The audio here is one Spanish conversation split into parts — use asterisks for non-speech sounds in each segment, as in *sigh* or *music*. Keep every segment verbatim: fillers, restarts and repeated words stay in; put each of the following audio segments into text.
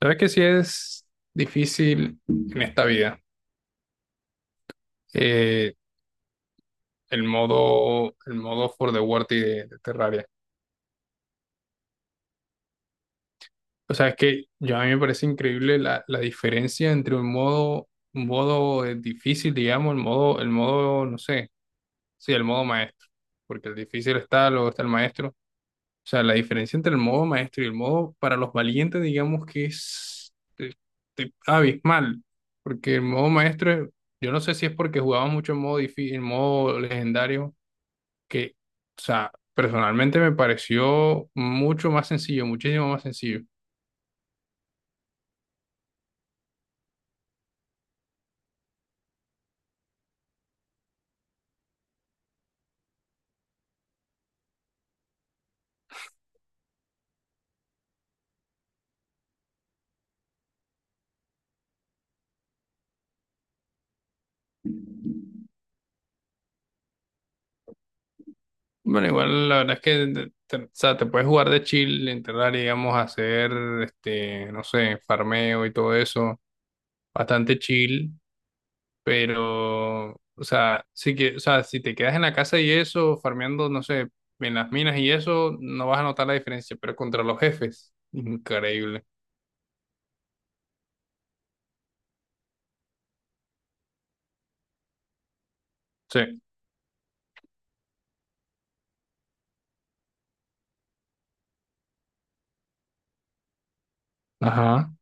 Sabes que sí es difícil en esta vida eh, el modo, el modo for the worthy de, de Terraria. O sea, es que yo a mí me parece increíble la, la diferencia entre un modo, un modo eh, difícil, digamos, el modo, el modo, no sé, sí, el modo maestro. Porque el difícil está, luego está el maestro. O sea, la diferencia entre el modo maestro y el modo para los valientes, digamos que es te- abismal, porque el modo maestro, yo no sé si es porque jugaba mucho en modo difícil, en modo legendario, que, o sea, personalmente me pareció mucho más sencillo, muchísimo más sencillo. Bueno, igual la verdad es que de- te, o sea, te puedes jugar de chill, entrar, digamos, a hacer, este, no sé, farmeo y todo eso, bastante chill. Pero, o sea, sí que, o sea, si te quedas en la casa y eso, farmeando, no sé, en las minas y eso, no vas a notar la diferencia, pero contra los jefes, increíble. Sí, ajá,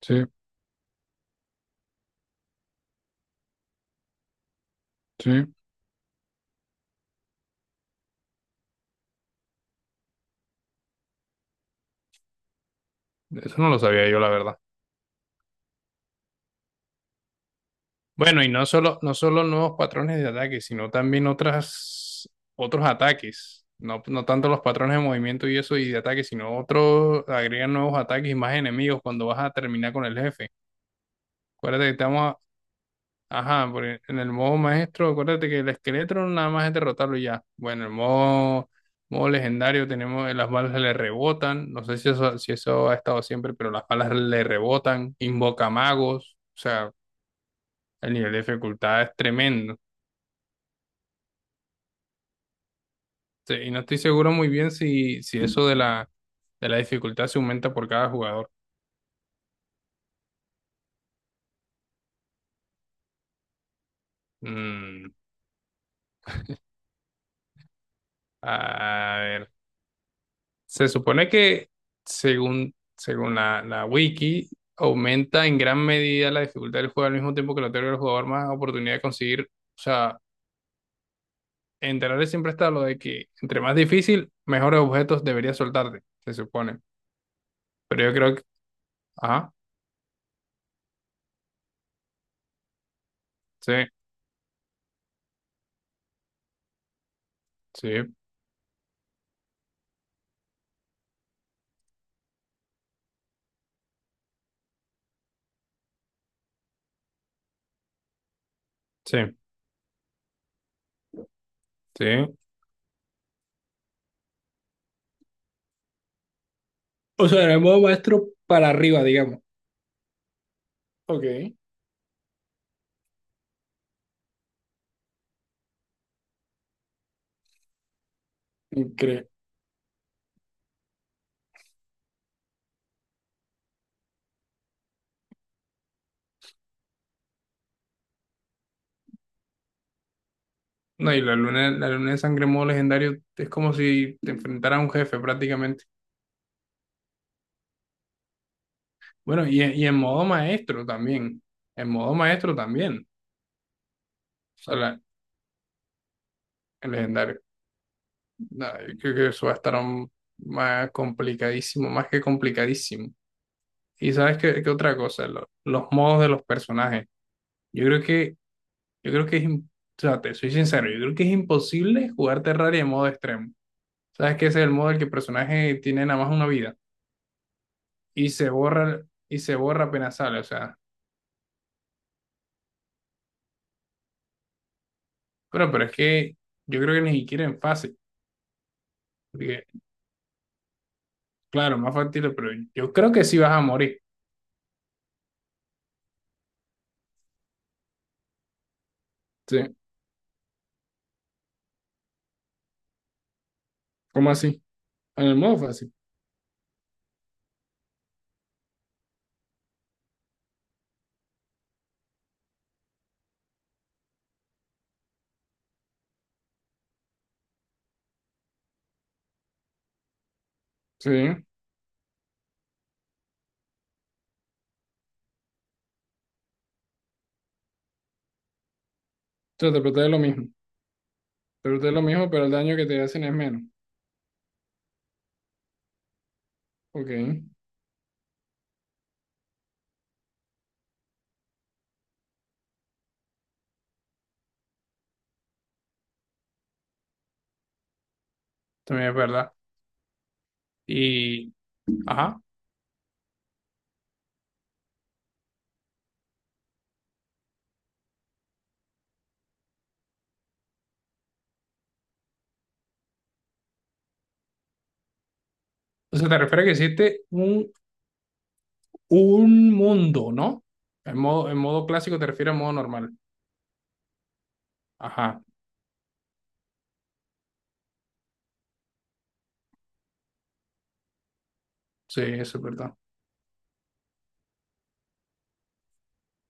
sí, sí. Eso no lo sabía yo, la verdad. Bueno, y no solo, no solo nuevos patrones de ataque, sino también otras, otros ataques. No, no tanto los patrones de movimiento y eso y de ataque, sino otros agregan nuevos ataques y más enemigos cuando vas a terminar con el jefe. Acuérdate que estamos. Ajá, porque en el modo maestro, acuérdate que el esqueleto nada más es derrotarlo y ya. Bueno, en el modo, modo legendario tenemos eh, las balas le rebotan, no sé si eso, si eso ha estado siempre, pero las balas le rebotan, invoca magos, o sea, el nivel de dificultad es tremendo. Sí, y no estoy seguro muy bien si, si eso de la, de la dificultad se aumenta por cada jugador. Mm, a ver. Se supone que, según, según la, la wiki, aumenta en gran medida la dificultad del juego al mismo tiempo que le otorga al jugador más oportunidad de conseguir. O sea, en Terraria siempre está lo de que entre más difícil, mejores objetos deberías soltarte, se supone. Pero yo creo que... Ajá, sí, sí, sí, sí. O sea, en el modo maestro para arriba, digamos. Ok, increíble. No, y la luna, la luna de sangre en modo legendario es como si te enfrentara a un jefe prácticamente. Bueno, y, en- y en modo maestro también. En modo maestro también. O sea, la- el legendario. Nada, yo creo que eso va a estar aún más complicadísimo, más que complicadísimo. Y sabes qué, qué otra cosa, Lo- los modos de los personajes. Yo creo que, yo creo que es, im- o sea, te soy sincero, yo creo que es imposible jugar Terraria en modo extremo. Sabes que ese es el modo en el que el personaje tiene nada más una vida y se borra, y se borra apenas sale. O sea, bueno, pero es que yo creo que ni siquiera en fácil. Claro, más factible, pero yo creo que sí vas a morir. Sí. ¿Cómo así? En el modo fácil. Sí. O sea, te protege lo mismo. Te protege lo mismo, pero el daño que te hacen es menos. Ok. También es verdad. Y. Ajá. O sea, te refieres a que existe un, un mundo, ¿no? En modo, en modo clásico te refieres a modo normal. Ajá. Sí, eso es verdad.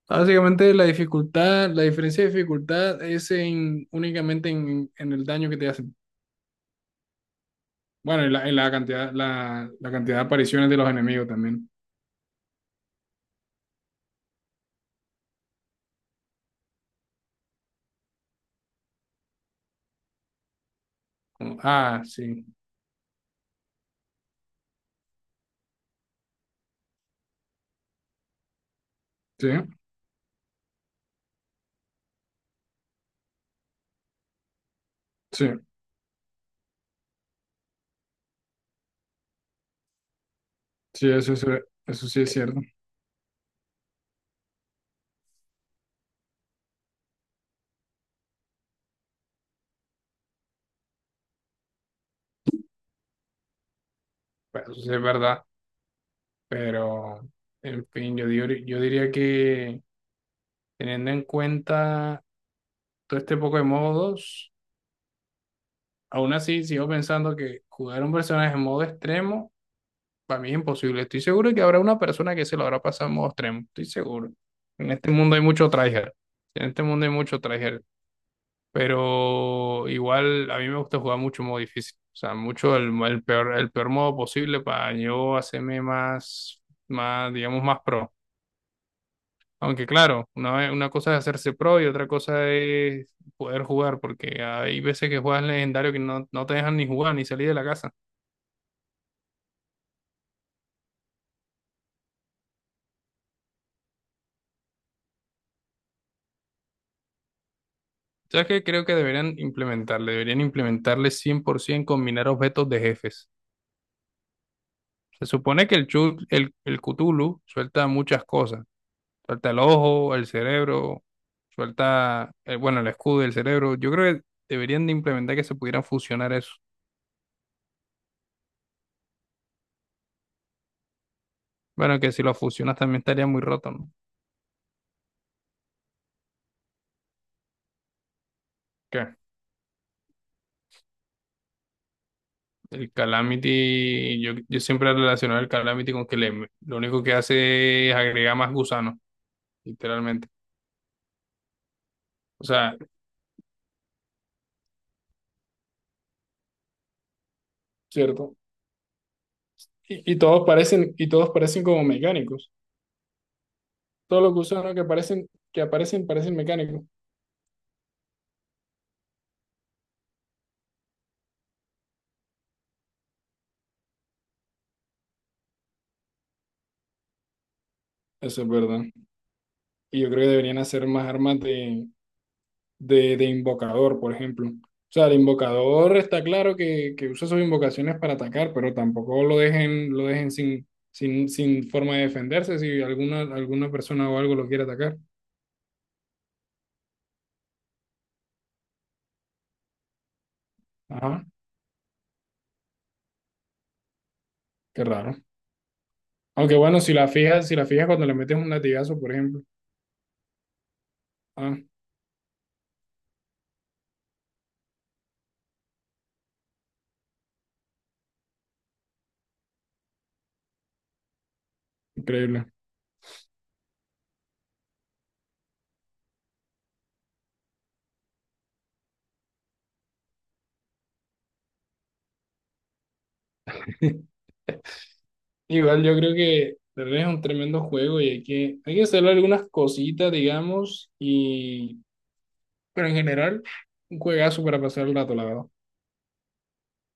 Básicamente la dificultad, la diferencia de dificultad es en, únicamente en, en el daño que te hacen. Bueno, y la, y la cantidad, la, la cantidad de apariciones de los enemigos también. Como, ah, sí, sí, sí, sí, eso, eso, eso sí es cierto. Pues, eso sí es verdad. Pero, en fin, yo, dir- yo diría que teniendo en cuenta todo este poco de modos, aún así sigo pensando que jugar un personaje en modo extremo para mí es imposible. Estoy seguro que habrá una persona que se lo habrá pasado en modo extremo. Estoy seguro. En este mundo hay mucho tryhard. En este mundo hay mucho tryhard. Pero igual a mí me gusta jugar mucho modo difícil. O sea, mucho el, el peor, el peor modo posible para yo hacerme más, más, digamos, más pro. Aunque claro, una, vez- una cosa es hacerse pro y otra cosa es poder jugar, porque hay veces que juegas legendario que no, no te dejan ni jugar ni salir de la casa. ¿Sabes qué? Creo que deberían implementarle, deberían implementarle cien por ciento combinar objetos de jefes. Se supone que el, Chul- el, el Cthulhu suelta muchas cosas. Suelta el ojo, el cerebro, suelta, el- bueno, el escudo y el cerebro. Yo creo que deberían de implementar que se pudieran fusionar eso. Bueno, que si lo fusionas también estaría muy roto, ¿no? ¿Qué? El Calamity, yo, yo siempre he relacionado el Calamity con que le, lo único que hace es agregar más gusanos, literalmente. O sea, ¿cierto? Y, y todos parecen, y todos parecen como mecánicos. Todos los gusanos que aparecen, que aparecen, parecen mecánicos. Eso es verdad. Y yo creo que deberían hacer más armas de, de, de invocador, por ejemplo. O sea, el invocador está claro que, que usa sus invocaciones para atacar, pero tampoco lo dejen, lo dejen sin, sin, sin forma de defenderse si alguna, alguna persona o algo lo quiere atacar. Ajá, qué raro. Aunque bueno, si la fijas, si la fijas cuando le metes un latigazo, por ejemplo. Ah, increíble. *laughs* Igual yo creo que de verdad es un tremendo juego y hay que, hay que hacerle algunas cositas, digamos, y pero en general, un juegazo para pasar el rato, la verdad.